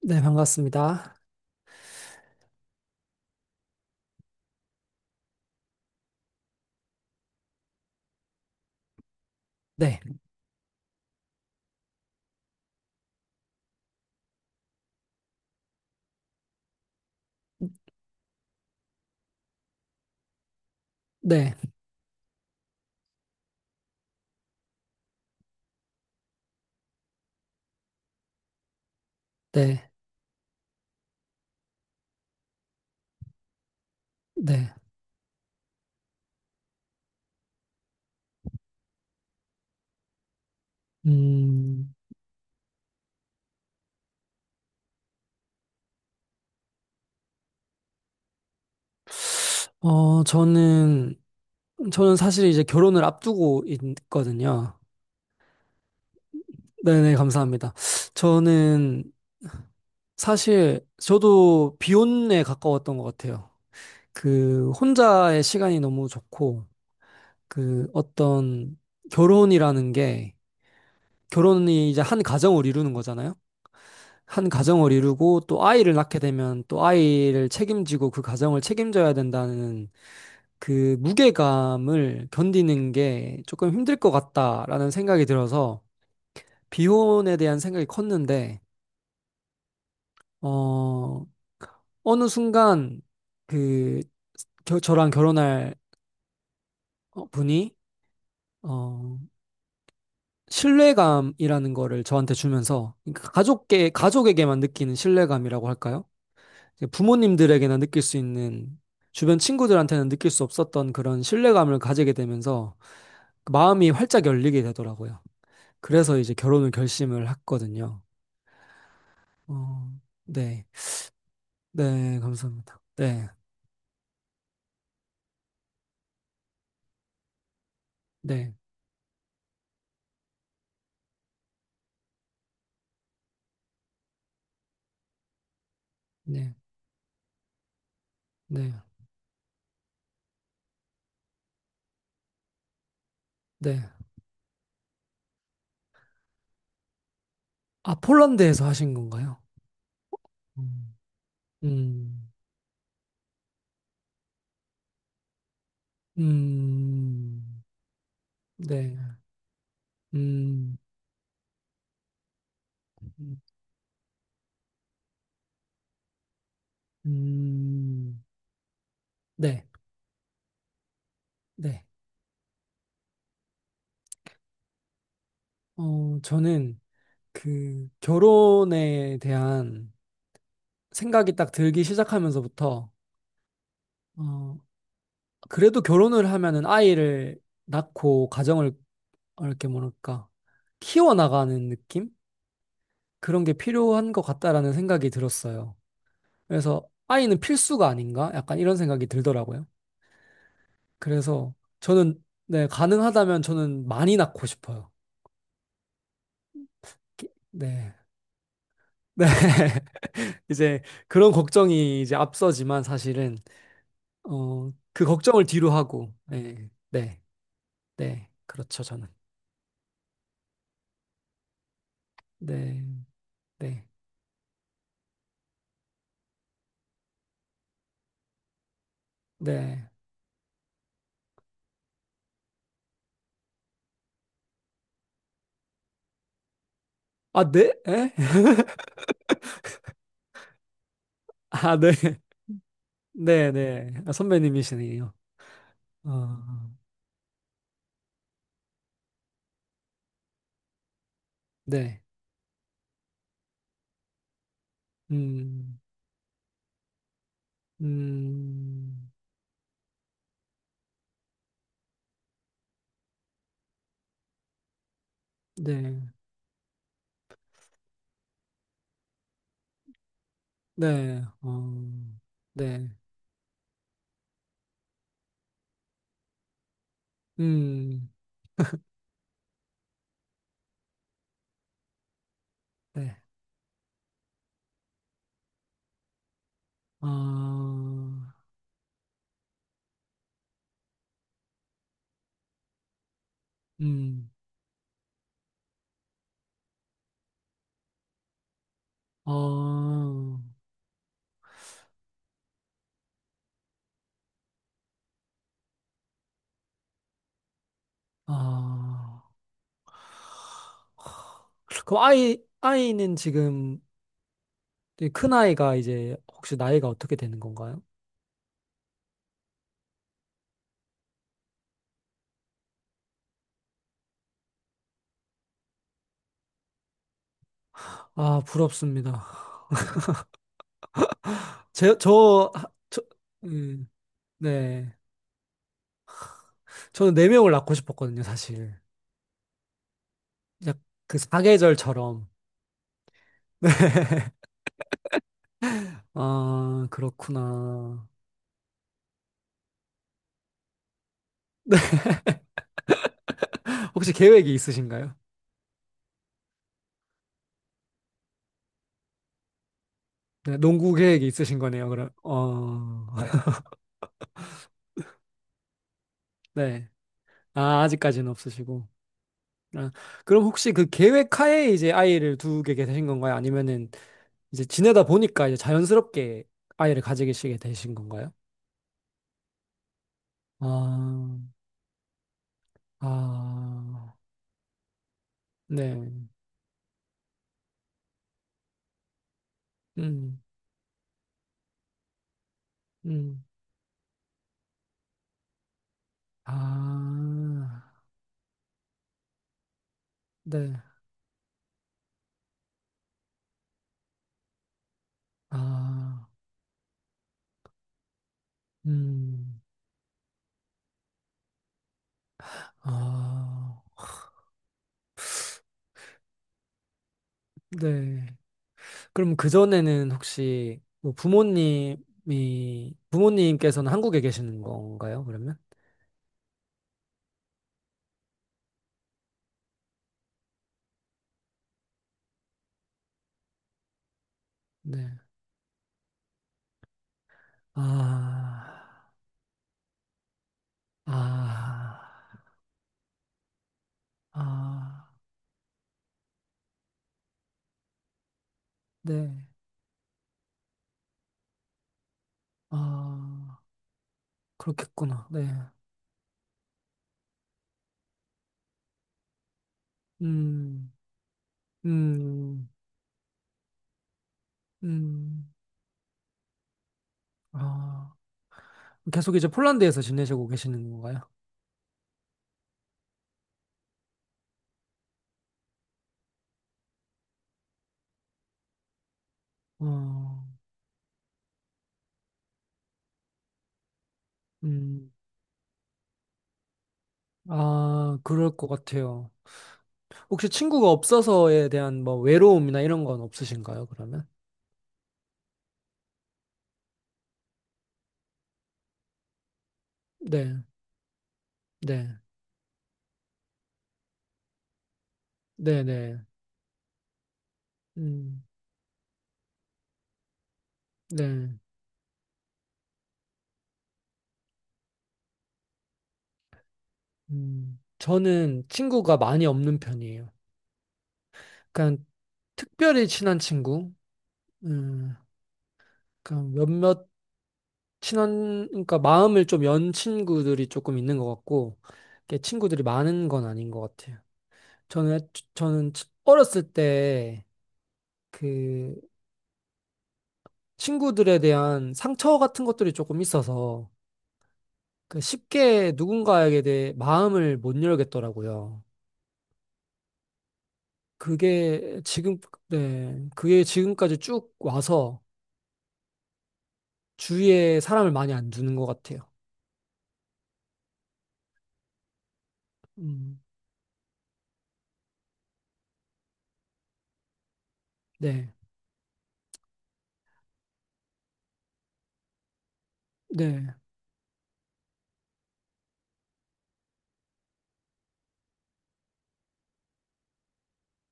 네, 반갑습니다. 네, 네, 네, 네. 음, 어, 저는, 저는 사실 이제 결혼을 앞두고 있거든요. 네네, 감사합니다. 저는 사실, 저도 비혼에 가까웠던 것 같아요. 그, 혼자의 시간이 너무 좋고, 그, 어떤 결혼이라는 게, 결혼이 이제 한 가정을 이루는 거잖아요. 한 가정을 이루고 또 아이를 낳게 되면 또 아이를 책임지고 그 가정을 책임져야 된다는 그 무게감을 견디는 게 조금 힘들 것 같다라는 생각이 들어서 비혼에 대한 생각이 컸는데, 어, 어느 순간 그 저랑 결혼할 분이 어, 신뢰감이라는 거를 저한테 주면서 그러니까 가족에게만 느끼는 신뢰감이라고 할까요? 이제 부모님들에게나 느낄 수 있는 주변 친구들한테는 느낄 수 없었던 그런 신뢰감을 가지게 되면서 그 마음이 활짝 열리게 되더라고요. 그래서 이제 결혼을 결심을 했거든요. 어, 네. 네, 감사합니다. 네. 네. 네. 네. 네. 아, 폴란드에서 하신 건가요? 음. 음. 음. 네. 음. 음. 음, 네. 네. 저는 그 결혼에 대한 생각이 딱 들기 시작하면서부터 어 그래도 결혼을 하면은 아이를 낳고 가정을 이렇게 뭐랄까 키워나가는 느낌 그런 게 필요한 것 같다라는 생각이 들었어요. 그래서 아이는 필수가 아닌가? 약간 이런 생각이 들더라고요. 그래서 저는, 네, 가능하다면 저는 많이 낳고 싶어요. 네. 네. 이제 그런 걱정이 이제 앞서지만 사실은 그 걱정을 뒤로 하고, 네, 네, 네, 그렇죠, 저는. 네, 네, 네. 아, 네? 에? 아, 네, 네, 네. 아, 선배님이시네요. 어, 네, 음, 음, 네, 네, 어, 네, 음, 네, 아, 음, 아, 아, 그럼 아이는 지금, 네, 큰아이가 이제 혹시 나이가 어떻게 되는 건가요? 아, 부럽습니다. 제, 저, 하- 저, 음, 네. 저는 네 명을 낳고 싶었거든요, 사실. 약그 사계절처럼. 아, 그렇구나. 혹시 계획이 있으신가요? 네, 농구 계획이 있으신 거네요, 그럼. 어, 네. 아, 아직까지는 없으시고. 아, 그럼 혹시 그 계획 하에 이제 아이를 두게 되신 건가요? 아니면은 이제 지내다 보니까 이제 자연스럽게 아이를 가지시게 되신 건가요? 아, 아, 네, 음, 음, 아, 네, 아, 음, 아, 네. 그럼 그전에는 혹시 뭐 부모님께서는 한국에 계시는 건가요, 그러면? 네. 아, 아, 아, 네, 아, 그렇겠구나, 네. 음, 음, 음, 아. 계속 이제 폴란드에서 지내시고 계시는 건가요? 어, 음, 아, 그럴 것 같아요. 혹시 친구가 없어서에 대한 뭐 외로움이나 이런 건 없으신가요, 그러면? 네, 네, 네, 네, 음, 네, 저는 친구가 많이 없는 편이에요. 그냥 특별히 친한 친구, 음, 그냥 몇몇 친한, 그러니까 마음을 좀 연 친구들이 조금 있는 것 같고, 이렇게 친구들이 많은 건 아닌 것 같아요. 저는, 저는 어렸을 때 그 친구들에 대한 상처 같은 것들이 조금 있어서 그 쉽게 누군가에게 대해 마음을 못 열겠더라고요. 그게 지금, 네, 그게 지금까지 쭉 와서 주위에 사람을 많이 안 두는 것 같아요. 음, 네, 네,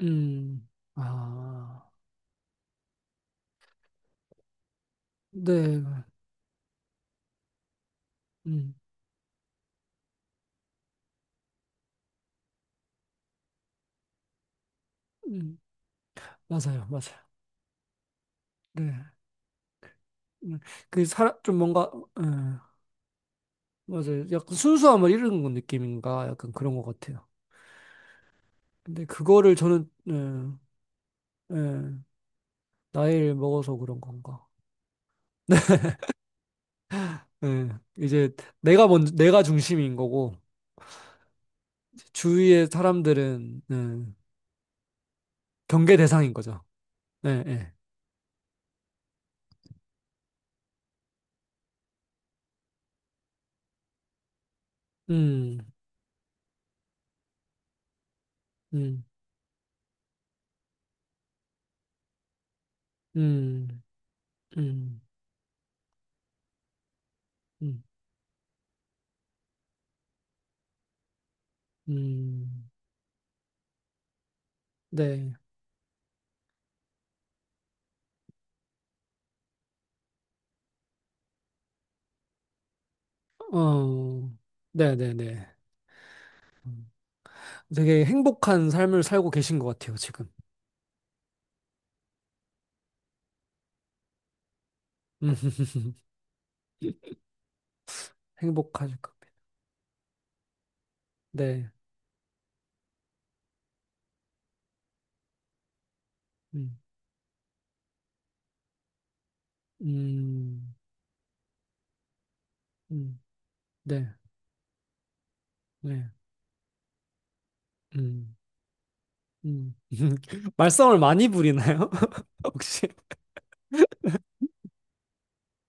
음, 아, 네, 음, 음, 맞아요, 맞아요. 네, 음, 그 사람, 좀 뭔가, 예. 맞아요. 약간 순수함을 잃은 건 느낌인가? 약간 그런 것 같아요. 근데 그거를 저는, 예, 예, 나이를 먹어서 그런 건가? 예, 이제 내가 중심인 거고, 주위의 사람들은, 예, 경계 대상인 거죠. 예, 예. 음, 음, 음, 음, 음, 음. 네, 어, 네네네. 음. 되게 행복한 삶을 살고 계신 것 같아요, 지금. 음. 행복하실 겁니다. 네. 음. 음, 음, 네, 네, 음, 음. 말썽을 많이 부리나요? 혹시?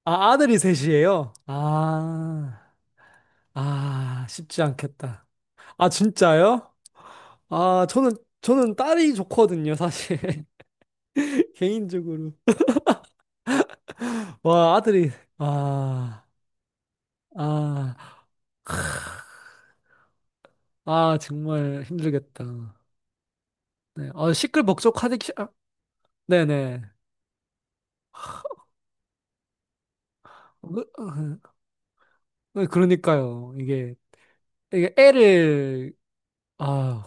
아, 아들이 셋이에요? 아, 아, 쉽지 않겠다. 아, 진짜요? 아, 저는 딸이 좋거든요, 사실. 개인적으로. 와, 아들이, 아, 아, 아, 정말 힘들겠다. 네, 아, 시끌벅적하니, 아, 네네. 그- 어, 어, 그러니까요. 이게 애를, 아,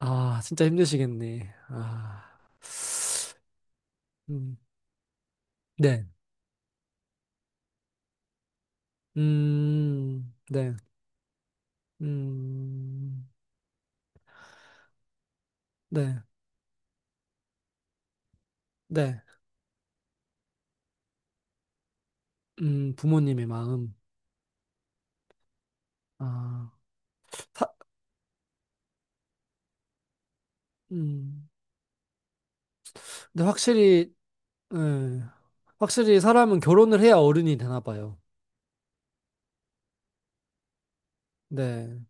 아, 진짜 힘드시겠네. 아, 음, 네, 네, 음, 네, 네, 부모님의 마음. 아, 사, 음, 근데 확실히, 음, 확실히 사람은 결혼을 해야 어른이 되나 봐요. 네.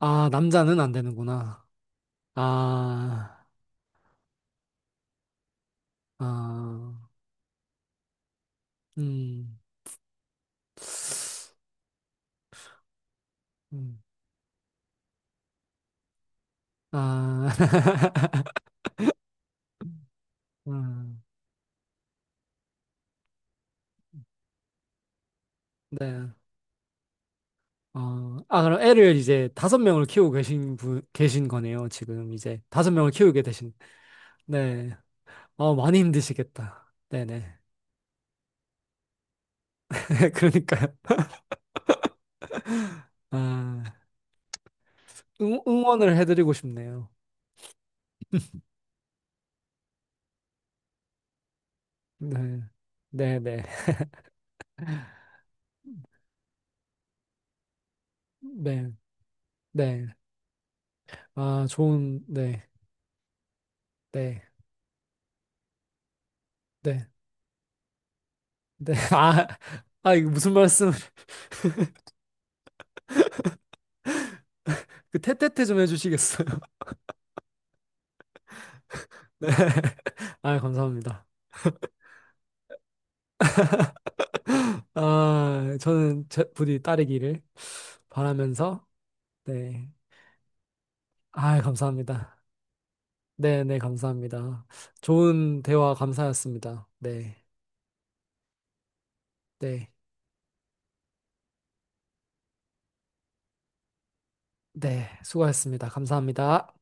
아, 남자는 안 되는구나. 아, 아, 음, 음, 아, 음, 네. 아, 아, 그럼 애를 이제 다섯 명을 키우고 계신 거네요. 지금 이제 다섯 명을 키우게 되신. 네. 어, 많이 힘드시겠다. 네네. 그러니까요. 아, 응, 응원을 해드리고 싶네요. 네. 네네. 네. 네. 아, 좋은, 네. 네. 네. 네. 아, 아, 이거 무슨 말씀, 그, 테테테 좀 해주시겠어요? 네. 아, 감사합니다. 아, 저는 부디 따르기를 바라면서 네. 아, 감사합니다. 네, 네, 감사합니다. 좋은 대화 감사였습니다. 네, 네, 네. 수고하셨습니다. 감사합니다.